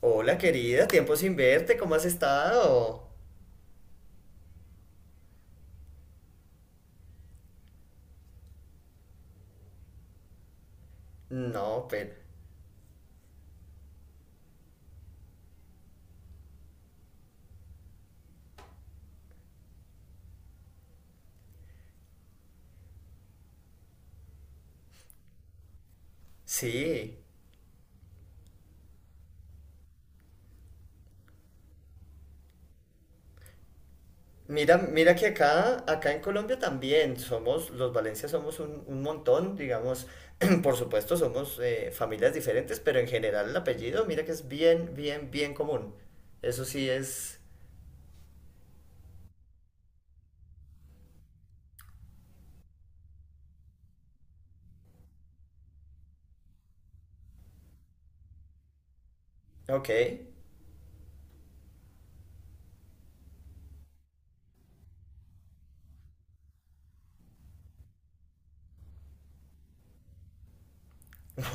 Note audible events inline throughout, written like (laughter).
Hola querida, tiempo sin verte, ¿cómo has estado? No, pero sí. Mira, mira que acá en Colombia también somos, los Valencia somos un montón, digamos, (clears throat) por supuesto somos familias diferentes, pero en general el apellido, mira que es bien, bien, bien común. Eso sí es, ok,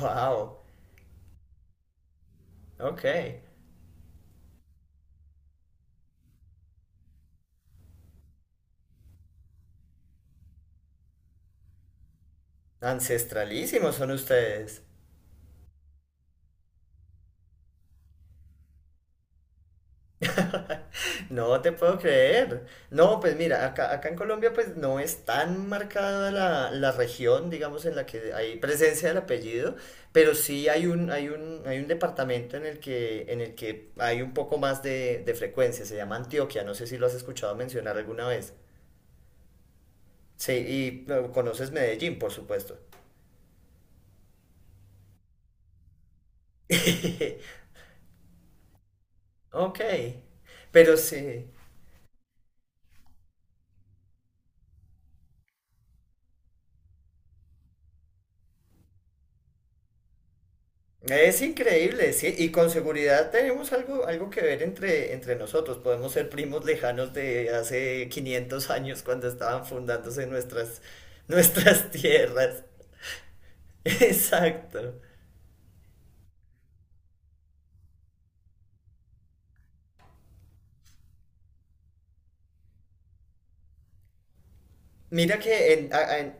(laughs) wow, ok, ancestralísimos son ustedes. No te puedo creer. No, pues mira, acá en Colombia pues no es tan marcada la región, digamos, en la que hay presencia del apellido, pero sí hay un departamento en el que, hay un poco más de frecuencia, se llama Antioquia, no sé si lo has escuchado mencionar alguna vez. Sí, y bueno, conoces Medellín, por supuesto. (laughs) Ok, pero sí. Es increíble, sí, y con seguridad tenemos algo que ver entre nosotros. Podemos ser primos lejanos de hace 500 años cuando estaban fundándose nuestras (laughs) tierras. Exacto. Mira que en, a- en-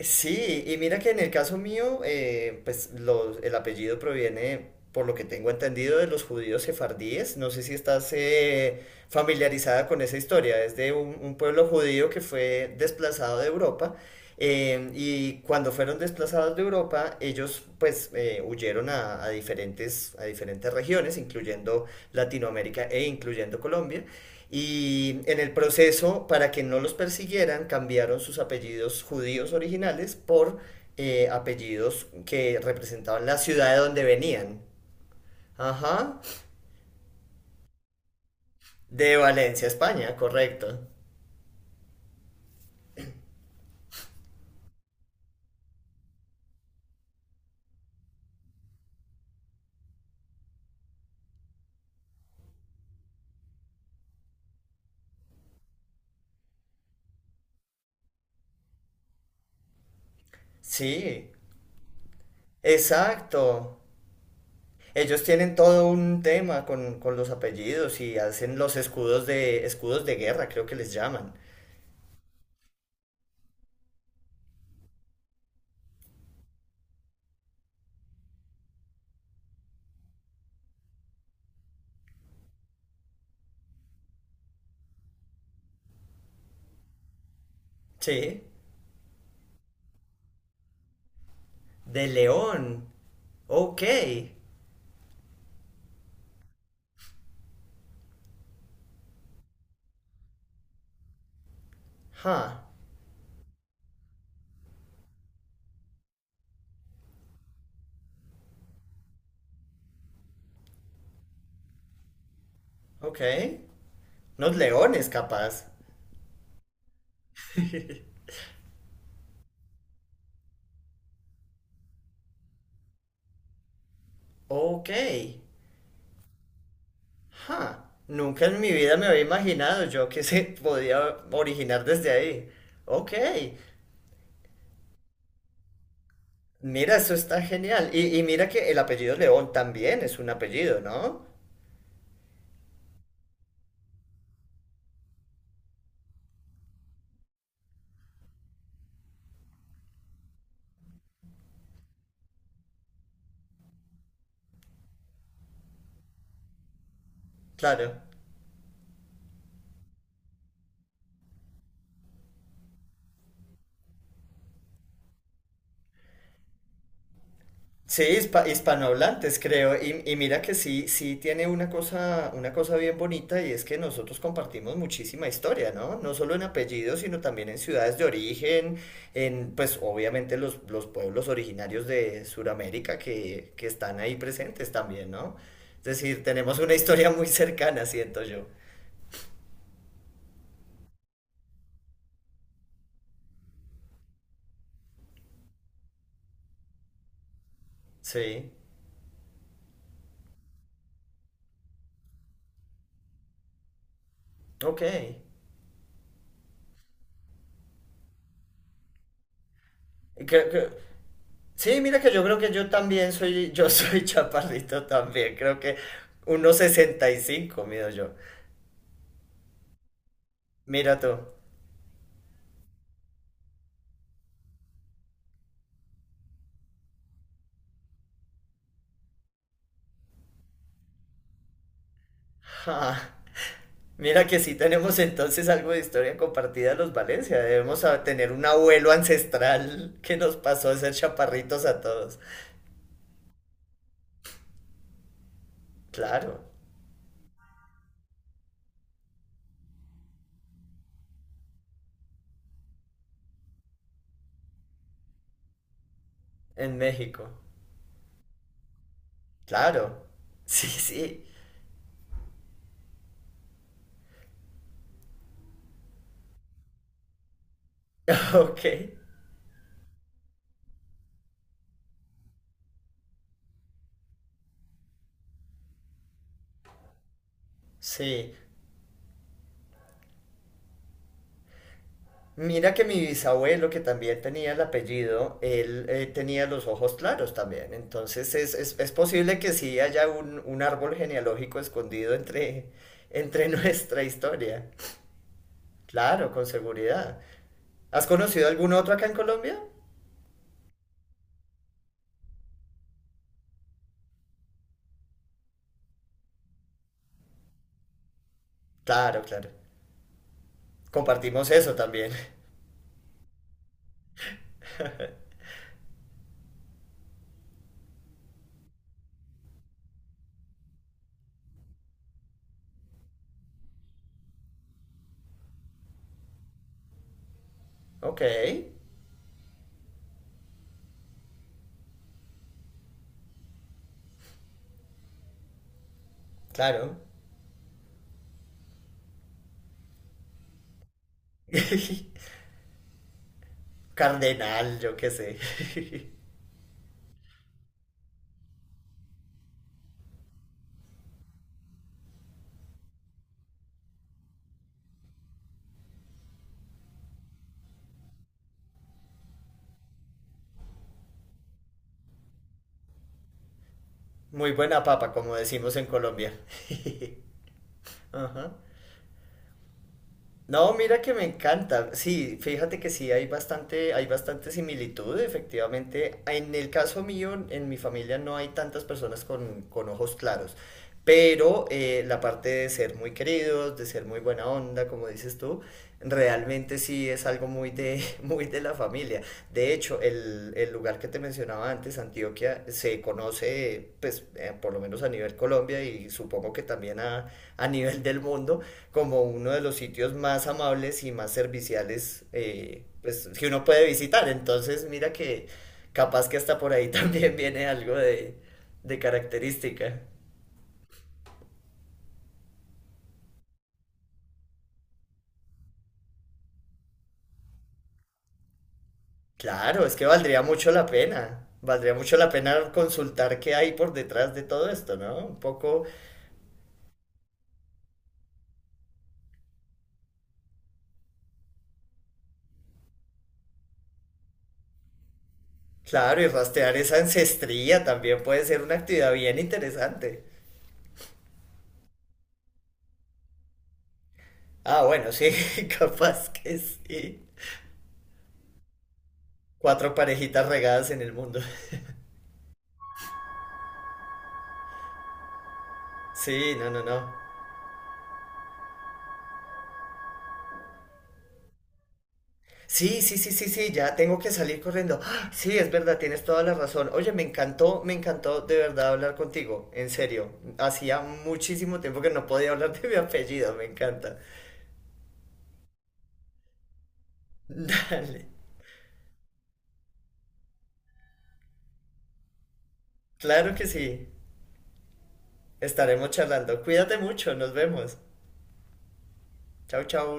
Sí, y mira que en el caso mío, pues el apellido proviene, por lo que tengo entendido, de los judíos sefardíes. No sé si estás familiarizada con esa historia. Es de un pueblo judío que fue desplazado de Europa. Y cuando fueron desplazados de Europa, ellos pues huyeron a diferentes regiones, incluyendo Latinoamérica e incluyendo Colombia. Y en el proceso, para que no los persiguieran, cambiaron sus apellidos judíos originales por apellidos que representaban la ciudad de donde venían. Ajá. De Valencia, España, correcto. Sí, exacto. Ellos tienen todo un tema con los apellidos y hacen escudos de guerra, creo que les llaman. Sí. De león. Ok. Ja. Ok. Unos leones, capaz. Ok. Ja. Nunca en mi vida me había imaginado yo que se podía originar desde ahí. Ok. Mira, eso está genial. Y mira que el apellido León también es un apellido, ¿no? Claro. Sí, hispanohablantes, creo. Y mira que sí, sí tiene una cosa bien bonita y es que nosotros compartimos muchísima historia, ¿no? No solo en apellidos, sino también en ciudades de origen, pues obviamente los pueblos originarios de Sudamérica que están ahí presentes también, ¿no? Es decir, tenemos una historia muy cercana, siento yo. Sí, ok. Creo, sí, mira que yo creo que yo también soy, yo soy (laughs) chaparrito también, creo que unos 65, mido yo. Mira tú. Ja, mira que sí tenemos entonces algo de historia compartida los Valencia, debemos tener un abuelo ancestral que nos pasó a ser chaparritos a todos. Claro, en México. Claro. Sí, sí. (laughs) Ok. Sí. Mira que mi bisabuelo, que también tenía el apellido, él tenía los ojos claros también. Entonces es posible que sí haya un árbol genealógico escondido entre (laughs) nuestra historia. Claro, con seguridad. ¿Has conocido algún otro acá en Colombia? Claro, claro. Compartimos eso también. (laughs) Ok, claro. (laughs) Cardenal, yo qué sé. (laughs) Muy buena papa, como decimos en Colombia. (laughs) Ajá. No, mira que me encanta. Sí, fíjate que sí hay bastante similitud, efectivamente. En el caso mío, en mi familia no hay tantas personas con ojos claros, pero la parte de ser muy queridos, de ser muy buena onda, como dices tú, realmente sí es algo muy de, (laughs) muy de la familia. De hecho, el lugar que te mencionaba antes, Antioquia, se conoce, pues, por lo menos a nivel Colombia y supongo que también a nivel del mundo como uno de los sitios más amables y más serviciales pues, que uno puede visitar. Entonces, mira que capaz que hasta por ahí (laughs) también viene algo de característica. Claro, es que valdría mucho la pena. Valdría mucho la pena consultar qué hay por detrás de todo esto, ¿no? Un poco, claro, y rastrear esa ancestría también puede ser una actividad bien interesante. Ah, bueno, sí, (laughs) capaz que sí. Cuatro parejitas regadas en el mundo. Sí, no, no, no. Sí, sí, sí, sí, sí, ya tengo que salir corriendo. ¡Ah! Sí, es verdad, tienes toda la razón. Oye, me encantó de verdad hablar contigo, en serio. Hacía muchísimo tiempo que no podía hablar de mi apellido, me encanta. (laughs) Dale, claro que sí, estaremos charlando. Cuídate mucho, nos vemos. Chau, chau.